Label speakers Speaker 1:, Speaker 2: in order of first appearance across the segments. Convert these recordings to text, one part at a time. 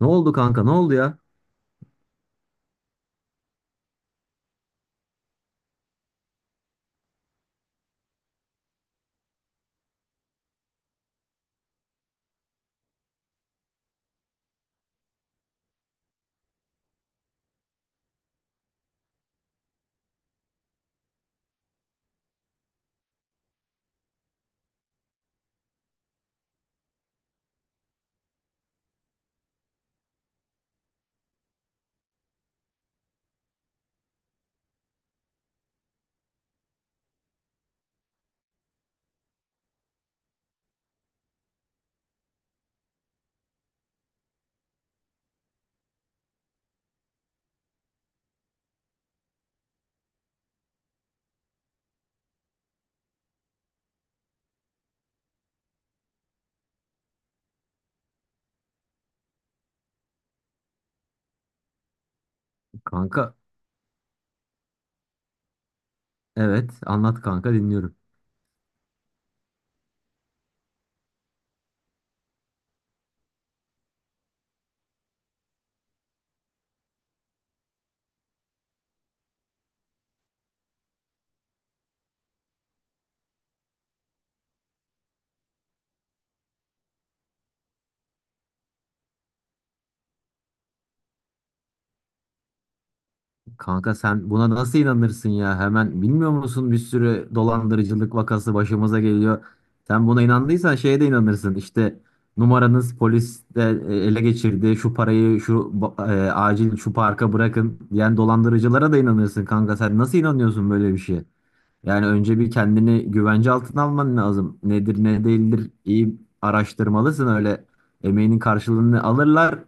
Speaker 1: Ne oldu kanka? Ne oldu ya? Kanka evet anlat kanka dinliyorum. Kanka sen buna nasıl inanırsın ya? Hemen bilmiyor musun bir sürü dolandırıcılık vakası başımıza geliyor. Sen buna inandıysan şeye de inanırsın. İşte numaranız polis de ele geçirdi. Şu parayı acil şu parka bırakın diyen dolandırıcılara da inanırsın kanka. Sen nasıl inanıyorsun böyle bir şeye? Yani önce bir kendini güvence altına alman lazım. Nedir ne değildir iyi araştırmalısın öyle emeğinin karşılığını alırlar.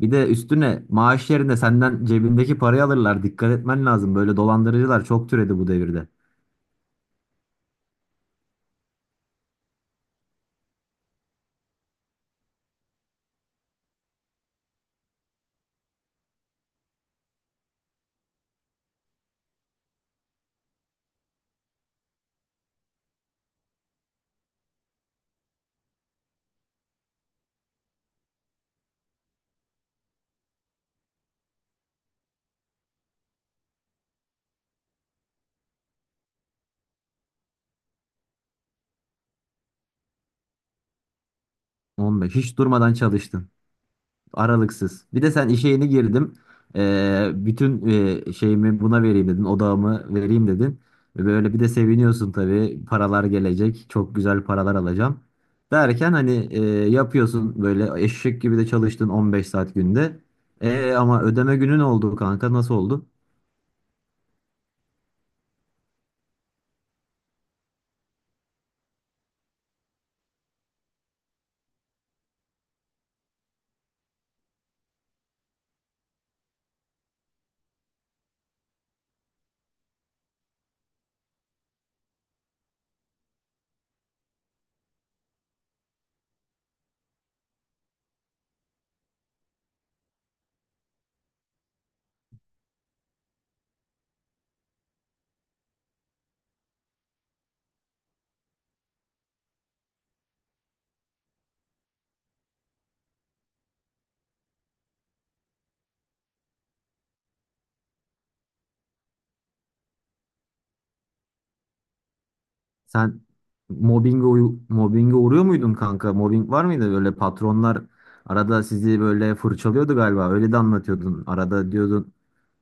Speaker 1: Bir de üstüne maaş yerine senden cebindeki parayı alırlar. Dikkat etmen lazım. Böyle dolandırıcılar çok türedi bu devirde. 15 hiç durmadan çalıştın. Aralıksız. Bir de sen işe yeni girdim. Bütün şeyimi buna vereyim dedin. Odağımı vereyim dedin. Ve böyle bir de seviniyorsun tabii. Paralar gelecek. Çok güzel paralar alacağım. Derken yapıyorsun böyle eşek gibi de çalıştın 15 saat günde. Ama ödeme günün oldu kanka. Nasıl oldu? Sen mobbinge uğruyor muydun kanka? Mobbing var mıydı? Böyle patronlar arada sizi böyle fırçalıyordu galiba. Öyle de anlatıyordun. Arada diyordun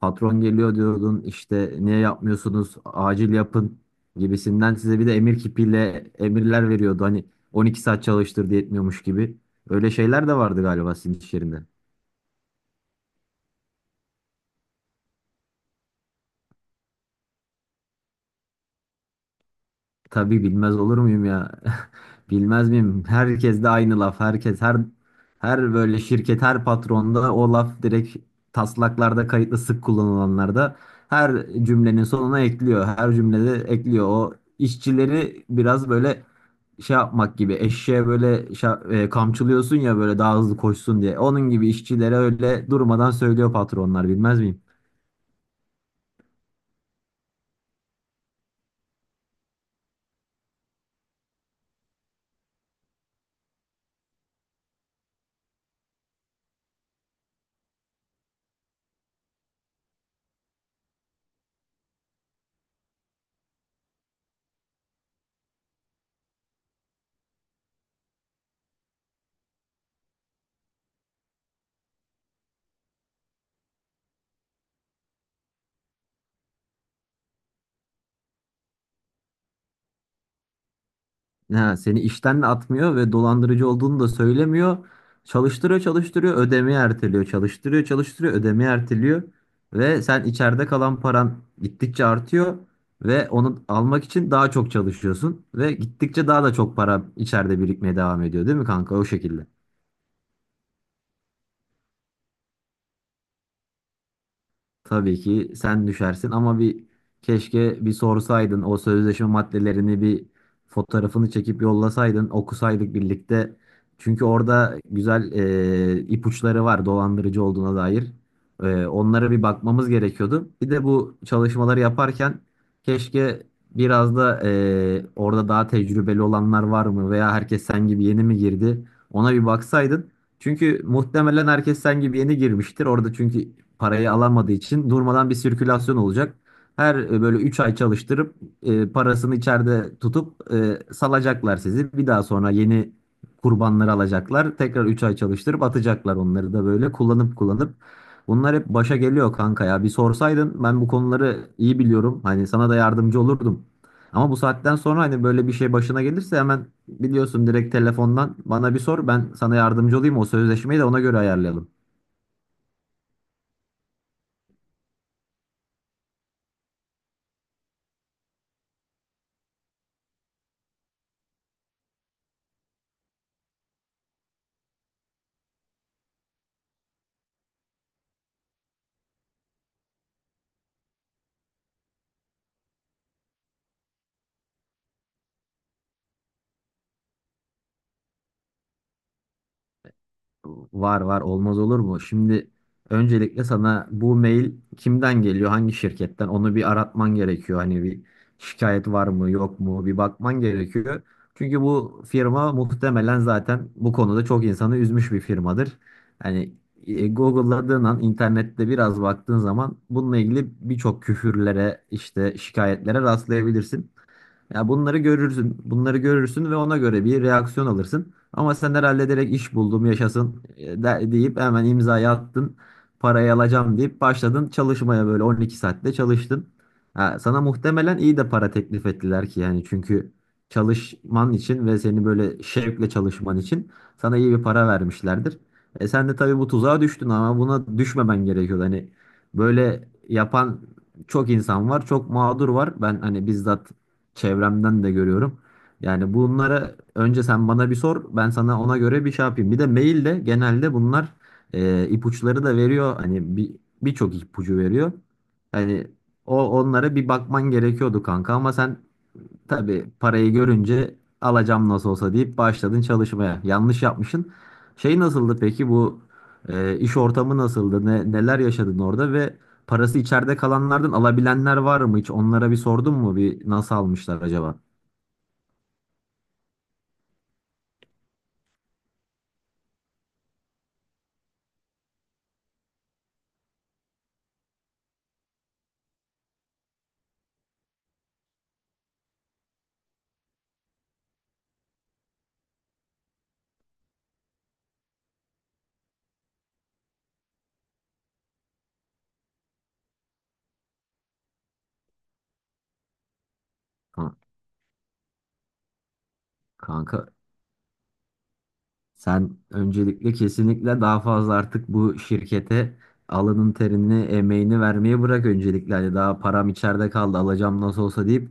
Speaker 1: patron geliyor diyordun. İşte niye yapmıyorsunuz? Acil yapın gibisinden size bir de emir kipiyle emirler veriyordu. Hani 12 saat çalıştır diye etmiyormuş gibi. Öyle şeyler de vardı galiba sizin iş yerinde. Tabii bilmez olur muyum ya? Bilmez miyim? Herkes de aynı laf. Herkes her böyle şirket her patronda o laf direkt taslaklarda kayıtlı sık kullanılanlarda her cümlenin sonuna ekliyor. Her cümlede ekliyor. O işçileri biraz böyle şey yapmak gibi eşeğe böyle kamçılıyorsun ya böyle daha hızlı koşsun diye. Onun gibi işçilere öyle durmadan söylüyor patronlar bilmez miyim? Ha, seni işten de atmıyor ve dolandırıcı olduğunu da söylemiyor. Çalıştırıyor, çalıştırıyor, ödemeyi erteliyor. Çalıştırıyor, çalıştırıyor, ödemeyi erteliyor. Ve sen içeride kalan paran gittikçe artıyor ve onu almak için daha çok çalışıyorsun ve gittikçe daha da çok para içeride birikmeye devam ediyor, değil mi kanka? O şekilde. Tabii ki sen düşersin ama keşke bir sorsaydın o sözleşme maddelerini bir fotoğrafını çekip yollasaydın okusaydık birlikte. Çünkü orada güzel ipuçları var dolandırıcı olduğuna dair. Onlara bir bakmamız gerekiyordu. Bir de bu çalışmaları yaparken keşke biraz da orada daha tecrübeli olanlar var mı veya herkes sen gibi yeni mi girdi ona bir baksaydın. Çünkü muhtemelen herkes sen gibi yeni girmiştir. Orada çünkü parayı alamadığı için durmadan bir sirkülasyon olacak. Böyle 3 ay çalıştırıp parasını içeride tutup salacaklar sizi. Bir daha sonra yeni kurbanları alacaklar. Tekrar 3 ay çalıştırıp atacaklar onları da böyle kullanıp kullanıp. Bunlar hep başa geliyor kanka ya. Bir sorsaydın ben bu konuları iyi biliyorum. Hani sana da yardımcı olurdum. Ama bu saatten sonra hani böyle bir şey başına gelirse hemen biliyorsun direkt telefondan bana bir sor ben sana yardımcı olayım o sözleşmeyi de ona göre ayarlayalım. Var var olmaz olur mu? Şimdi öncelikle sana bu mail kimden geliyor, hangi şirketten onu bir aratman gerekiyor. Hani bir şikayet var mı yok mu bir bakman gerekiyor. Çünkü bu firma muhtemelen zaten bu konuda çok insanı üzmüş bir firmadır. Hani Google'ladığın an internette biraz baktığın zaman bununla ilgili birçok küfürlere işte şikayetlere rastlayabilirsin. Ya bunları görürsün, bunları görürsün ve ona göre bir reaksiyon alırsın. Ama sen herhalde direkt iş buldum yaşasın deyip hemen imzayı attın. Parayı alacağım deyip başladın çalışmaya böyle 12 saatte çalıştın. Ha, sana muhtemelen iyi de para teklif ettiler ki yani çünkü çalışman için ve seni böyle şevkle çalışman için sana iyi bir para vermişlerdir. E sen de tabii bu tuzağa düştün ama buna düşmemen gerekiyordu. Hani böyle yapan çok insan var, çok mağdur var. Ben hani bizzat çevremden de görüyorum. Yani bunlara önce sen bana bir sor, ben sana ona göre bir şey yapayım. Bir de mail genelde bunlar ipuçları da veriyor. Hani birçok ipucu veriyor. Hani onlara bir bakman gerekiyordu kanka ama sen tabii parayı görünce alacağım nasıl olsa deyip başladın çalışmaya. Yanlış yapmışsın. Şey nasıldı peki bu iş ortamı nasıldı? Neler yaşadın orada ve parası içeride kalanlardan alabilenler var mı hiç? Onlara bir sordun mu? Bir nasıl almışlar acaba? Ha, kanka, sen öncelikle kesinlikle daha fazla artık bu şirkete alının terini, emeğini vermeyi bırak öncelikle. Hani daha param içeride kaldı, alacağım nasıl olsa deyip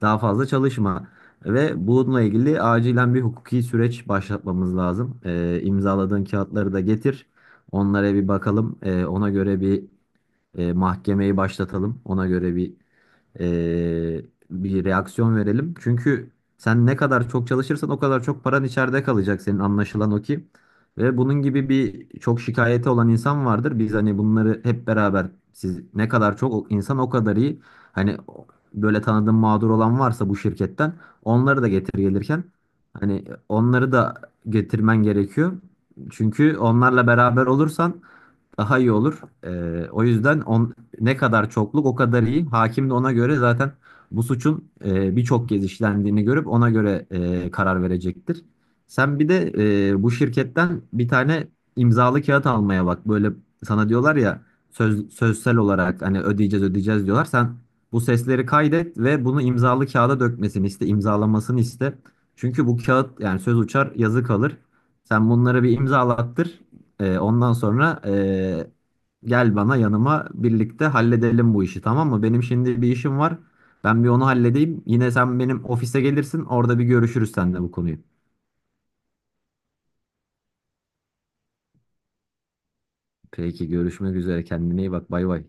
Speaker 1: daha fazla çalışma. Ve bununla ilgili acilen bir hukuki süreç başlatmamız lazım. İmzaladığın kağıtları da getir. Onlara bir bakalım. Ona göre bir mahkemeyi başlatalım. Ona göre bir reaksiyon verelim. Çünkü sen ne kadar çok çalışırsan o kadar çok paran içeride kalacak senin anlaşılan o ki. Ve bunun gibi bir çok şikayeti olan insan vardır. Biz hani bunları hep beraber siz ne kadar çok insan o kadar iyi. Hani o- Böyle tanıdığım mağdur olan varsa bu şirketten onları da getir gelirken hani onları da getirmen gerekiyor. Çünkü onlarla beraber olursan daha iyi olur. Ne kadar çokluk o kadar iyi. Hakim de ona göre zaten bu suçun birçok kez işlendiğini görüp ona göre karar verecektir. Sen bir de bu şirketten bir tane imzalı kağıt almaya bak. Böyle sana diyorlar ya sözsel olarak hani ödeyeceğiz ödeyeceğiz diyorlar. Sen bu sesleri kaydet ve bunu imzalı kağıda dökmesini iste, imzalamasını iste. Çünkü bu kağıt yani söz uçar yazı kalır. Sen bunları bir imzalattır. Ondan sonra gel bana yanıma birlikte halledelim bu işi tamam mı? Benim şimdi bir işim var. Ben bir onu halledeyim. Yine sen benim ofise gelirsin. Orada bir görüşürüz seninle bu konuyu. Peki görüşmek üzere. Kendine iyi bak. Bay bay.